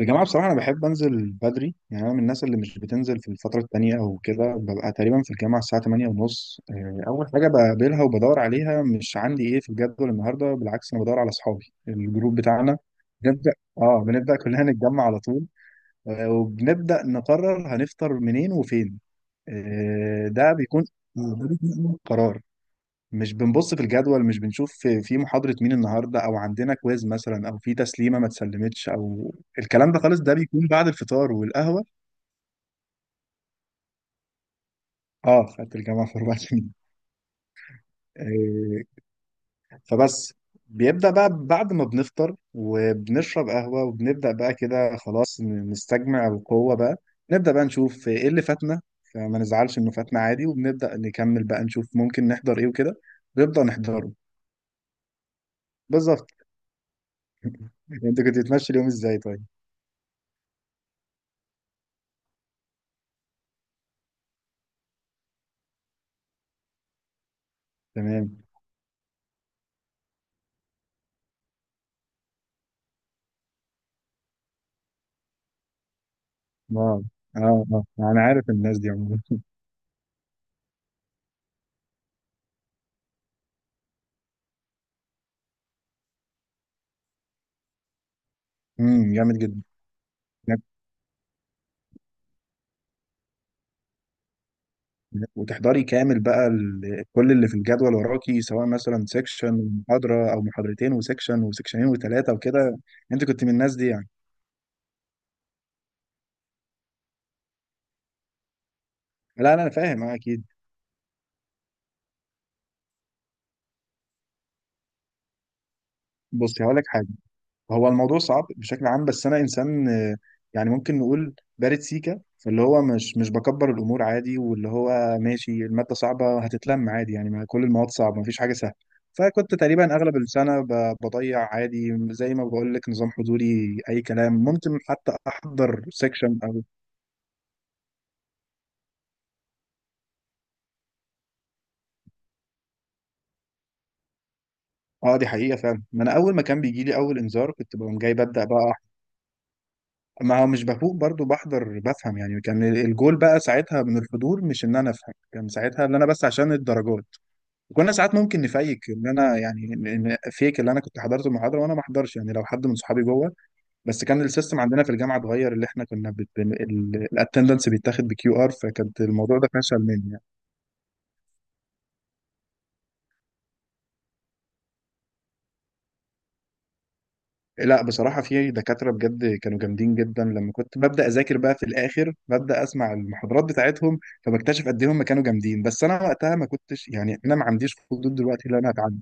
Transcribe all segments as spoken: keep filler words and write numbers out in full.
الجامعة بصراحة أنا بحب أنزل بدري، يعني أنا من الناس اللي مش بتنزل في الفترة التانية أو كده. ببقى تقريبا في الجامعة الساعة تمانية ونص. آه، أول حاجة بقابلها وبدور عليها مش عندي إيه في الجدول النهاردة، بالعكس أنا بدور على أصحابي الجروب بتاعنا. بنبدأ آه بنبدأ كلنا نتجمع على طول. آه، وبنبدأ نقرر هنفطر منين وفين. آه، ده بيكون ده بيكون أول قرار. مش بنبص في الجدول، مش بنشوف في في محاضرة مين النهاردة، أو عندنا كويز مثلا، أو في تسليمة ما اتسلمتش، أو الكلام ده خالص. ده بيكون بعد الفطار والقهوة. اه، خدت الجامعة في أربع سنين. آه، فبس. بيبدأ بقى بعد ما بنفطر وبنشرب قهوة، وبنبدأ بقى كده خلاص ن- نستجمع القوة بقى. نبدأ بقى نشوف إيه اللي فاتنا، فما نزعلش إنه فاتنا عادي، وبنبدأ نكمل بقى، نشوف ممكن نحضر إيه وكده ونبدأ نحضره. بالظبط. أنت كنت بتمشي اليوم إزاي طيب؟ تمام. اه اه اه، انا عارف الناس دي عموما. امم جامد جدا. هناك- هناك. وتحضري كامل بقى ال- كل اللي في الجدول وراكي، سواء مثلا سيكشن ومحاضرة او محاضرتين وسيكشن وسيكشنين وثلاثة وكده. انت كنت من الناس دي يعني؟ لا لا، انا فاهم، اه اكيد. بصي هقول لك حاجة. هو الموضوع صعب بشكل عام، بس انا انسان آه، يعني ممكن نقول بارد سيكا، فاللي هو مش مش بكبر الامور عادي، واللي هو ماشي الماده صعبه هتتلم عادي. يعني ما كل المواد صعبه، مفيش حاجه سهله. فكنت تقريبا اغلب السنه ب- بضيع عادي، زي ما بقول لك، نظام حضوري اي كلام. ممكن حتى احضر سيكشن او. اه، دي حقيقه فعلا. ما انا اول ما كان بيجي لي اول انذار، كنت بقوم جاي ببدا بقى. ما هو مش بفوق برضو، بحضر بفهم، يعني كان الجول بقى ساعتها من الحضور مش ان انا افهم، كان ساعتها ان انا بس عشان الدرجات. وكنا ساعات ممكن نفيك، ان انا يعني إن- إن فيك اللي انا كنت حضرت المحاضره وانا ما احضرش، يعني لو حد من صحابي جوه. بس كان السيستم عندنا في الجامعه اتغير، اللي احنا كنا الاتندنس بيتاخد بكيو ار، فكانت الموضوع ده فشل مني يعني. لا بصراحة في دكاترة بجد كانوا جامدين جدا. لما كنت ببدأ أذاكر بقى في الآخر، ببدأ أسمع المحاضرات بتاعتهم، فبكتشف قد إيه هم كانوا جامدين. بس أنا وقتها ما كنتش، يعني أنا ما عنديش فضول دلوقتي إن أنا أتعلم.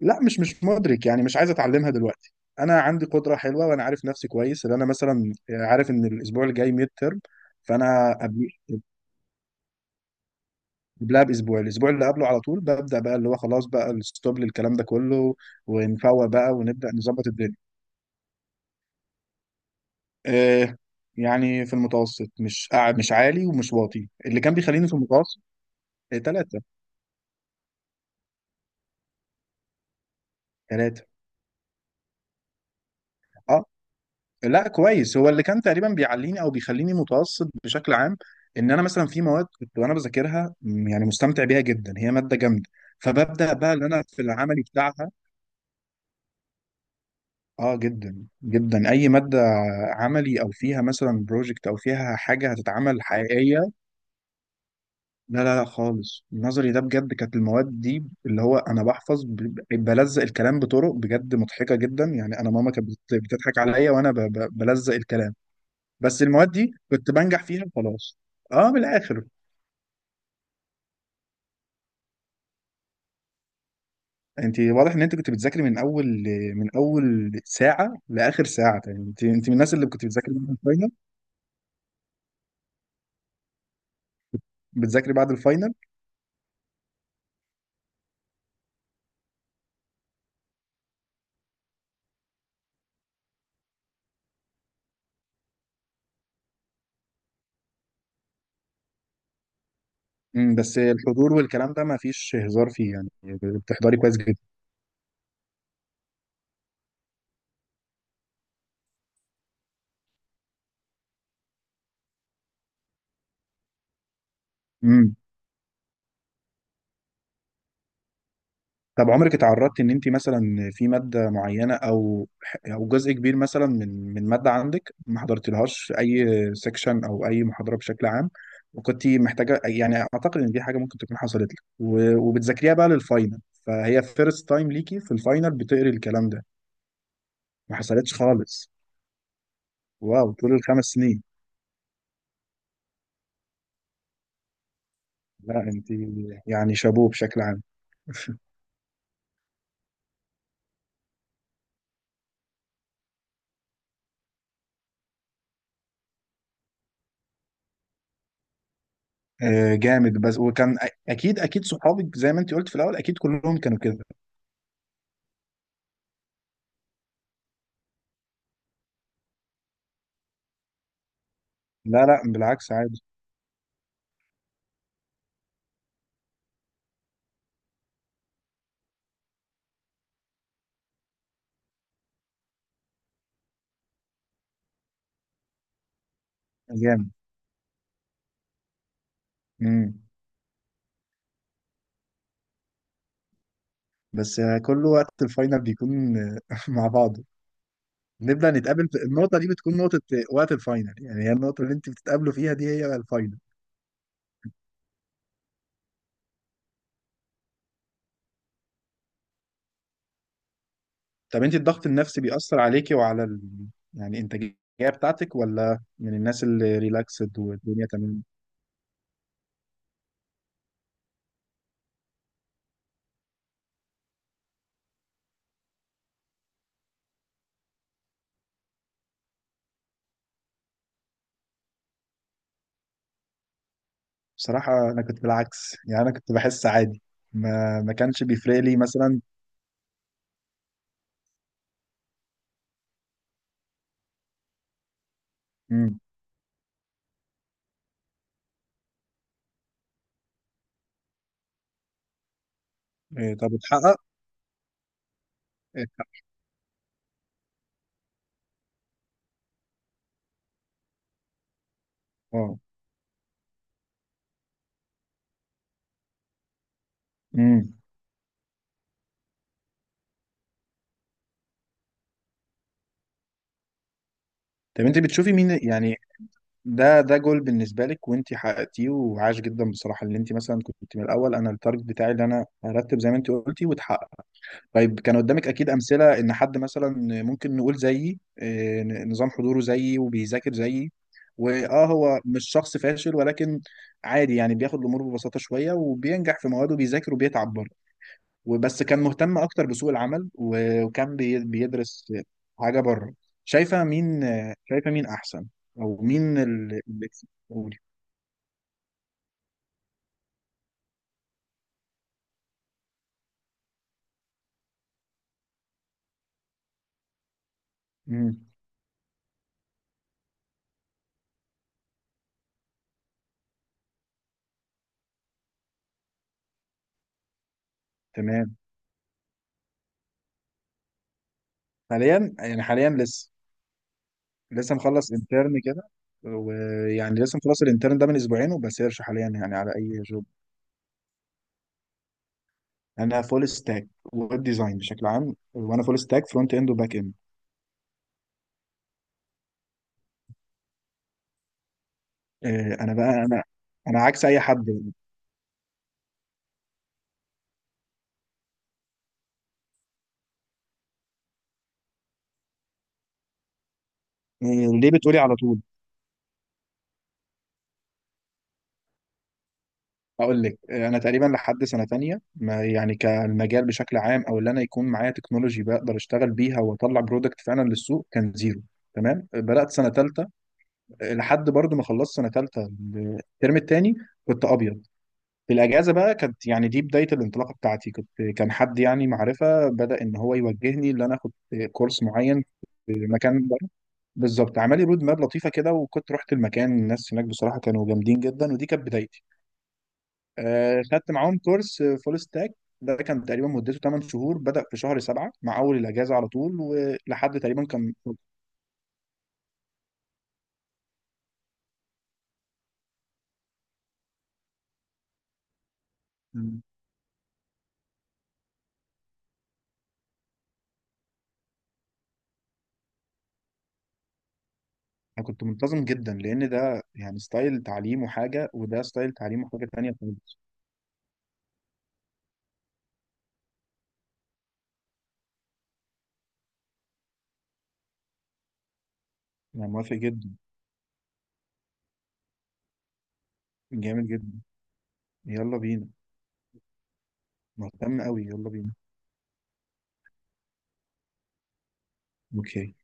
لا مش مش مدرك، يعني مش عايز أتعلمها دلوقتي. أنا عندي قدرة حلوة، وأنا عارف نفسي كويس، إن أنا مثلا عارف إن الأسبوع الجاي ميد ترم. فأنا قبل- قبلها بأسبوع، الأسبوع اللي قبله على طول ببدأ بقى، اللي هو خلاص بقى الستوب للكلام ده كله. ونفوق بقى ونبدأ نظبط الدنيا. آه. يعني في المتوسط، مش أع... مش عالي ومش واطي، اللي كان بيخليني في المتوسط. آه، تلاتة. تلاتة. اه. لا كويس، هو اللي كان تقريبا بيعليني او بيخليني متوسط بشكل عام. ان انا مثلا في مواد كنت وانا بذاكرها م، يعني مستمتع بيها جدا، هي مادة جامدة. فببدأ بقى ان انا في العملي بتاعها. اه جدا جدا، اي مادة عملي او فيها مثلا بروجكت، او فيها حاجة هتتعمل حقيقية. لا لا لا خالص، النظري ده بجد كانت المواد دي اللي هو انا بحفظ، ب- بلزق الكلام بطرق بجد مضحكه جدا. يعني انا ماما كانت بت- بتضحك عليا وانا ب- ب- بلزق الكلام. بس المواد دي كنت بنجح فيها خلاص. اه من الاخر. انت واضح ان انت كنت بتذاكري من اول، من اول ساعه لاخر ساعه. يعني انت انت من الناس اللي كنت بتذاكري بعد الفاينل. بتذاكري بعد الفاينل؟ أمم، بس الحضور والكلام ده ما فيش هزار فيه، يعني بتحضري كويس جدا. طب عمرك اتعرضتي ان انت مثلا في ماده معينه، او او جزء كبير مثلا من من ماده عندك ما حضرتلهاش في اي سيكشن او اي محاضره بشكل عام، وكنت محتاجه؟ يعني اعتقد ان دي حاجه ممكن تكون حصلت لك، و- وبتذاكريها بقى للفاينل، فهي فيرست تايم ليكي في الفاينل بتقري الكلام ده. ما حصلتش خالص؟ واو، طول الخمس سنين. لا انت يعني شابوه بشكل عام. آه، جامد. بس وكان أ- اكيد اكيد صحابك زي ما انت قلت في الاول اكيد كلهم كانوا كده. لا لا، بالعكس عادي. جامد. امم. بس آه، كل وقت الفاينل بيكون آه، مع بعضه. نبدأ نتقابل في النقطة دي، بتكون نقطة آه، وقت الفاينل. يعني هي النقطة اللي انت بتتقابلوا فيها دي، هي الفاينل. طب انت الضغط النفسي بيأثر عليكي وعلى ال... يعني الإنتاجية بتاعتك، ولا من الناس اللي ريلاكسد والدنيا تمام؟ بصراحة أنا كنت بالعكس، يعني أنا كنت بحس عادي، ما ما كانش بيفرق لي مثلا. امم. إيه، طب اتحقق؟ إيه، اتحقق. اه. امم. طب انت بتشوفي مين يعني؟ ده ده جول بالنسبه لك وانت حققتيه، وعاش جدا بصراحه، اللي انت مثلا كنت من الاول، انا التارجت بتاعي اللي انا ارتب زي ما انت قلتي، وتحقق. طيب كان قدامك اكيد امثله، ان حد مثلا ممكن نقول زيي، آه، نظام حضوره زيي وبيذاكر زيي، واه هو مش شخص فاشل، ولكن عادي يعني بياخد الامور ببساطه شويه، وبينجح في مواده، بيذاكر وبيتعب برضه، وبس كان مهتم اكتر بسوق العمل، و- وكان بي- بيدرس حاجه بره. شايفه مين؟ شايفه مين احسن؟ او مين اللي اللي يكسب؟ قولي. امم، تمام. حاليا يعني، حاليا لسه لسه مخلص انترن كده. ويعني لسه مخلص الانترن ده من اسبوعين، وبسيرش حاليا يعني على اي جوب. انا فول ستاك ويب ديزاين بشكل عام، وانا فول ستاك فرونت اند وباك اند. آه، انا بقى، انا انا عكس اي حد. آه، ليه بتقولي على طول؟ اقول لك، انا تقريبا لحد سنه تانية ما يعني كالمجال بشكل عام، او اللي انا يكون معايا تكنولوجي بقدر اشتغل بيها واطلع برودكت فعلا للسوق، كان زيرو. تمام، بدات سنه تالتة، لحد برضو ما خلصت سنه تالتة الترم التاني كنت ابيض. في الاجازه بقى كانت، يعني دي بدايه الانطلاقه بتاعتي. كنت كان حد يعني معرفه بدا ان هو يوجهني ان انا اخد كورس معين في مكان بره. بالظبط، عمل لي رود ماب لطيفه كده، وكنت رحت المكان، الناس هناك بصراحه كانوا جامدين جدا، ودي كانت بدايتي. آه، خدت معاهم كورس فول ستاك. ده كان تقريبا مدته ثمانية شهور، بدأ في شهر سبعة مع أول الأجازة على طول، ولحد تقريبا كان. أنا كنت منتظم جدا، لأن ده يعني ستايل تعليم وحاجة، وده ستايل تعليم وحاجة تانية خالص. يعني موافق جدا. جامد جدا، يلا بينا. مهتم قوي، يلا بينا. اوكي.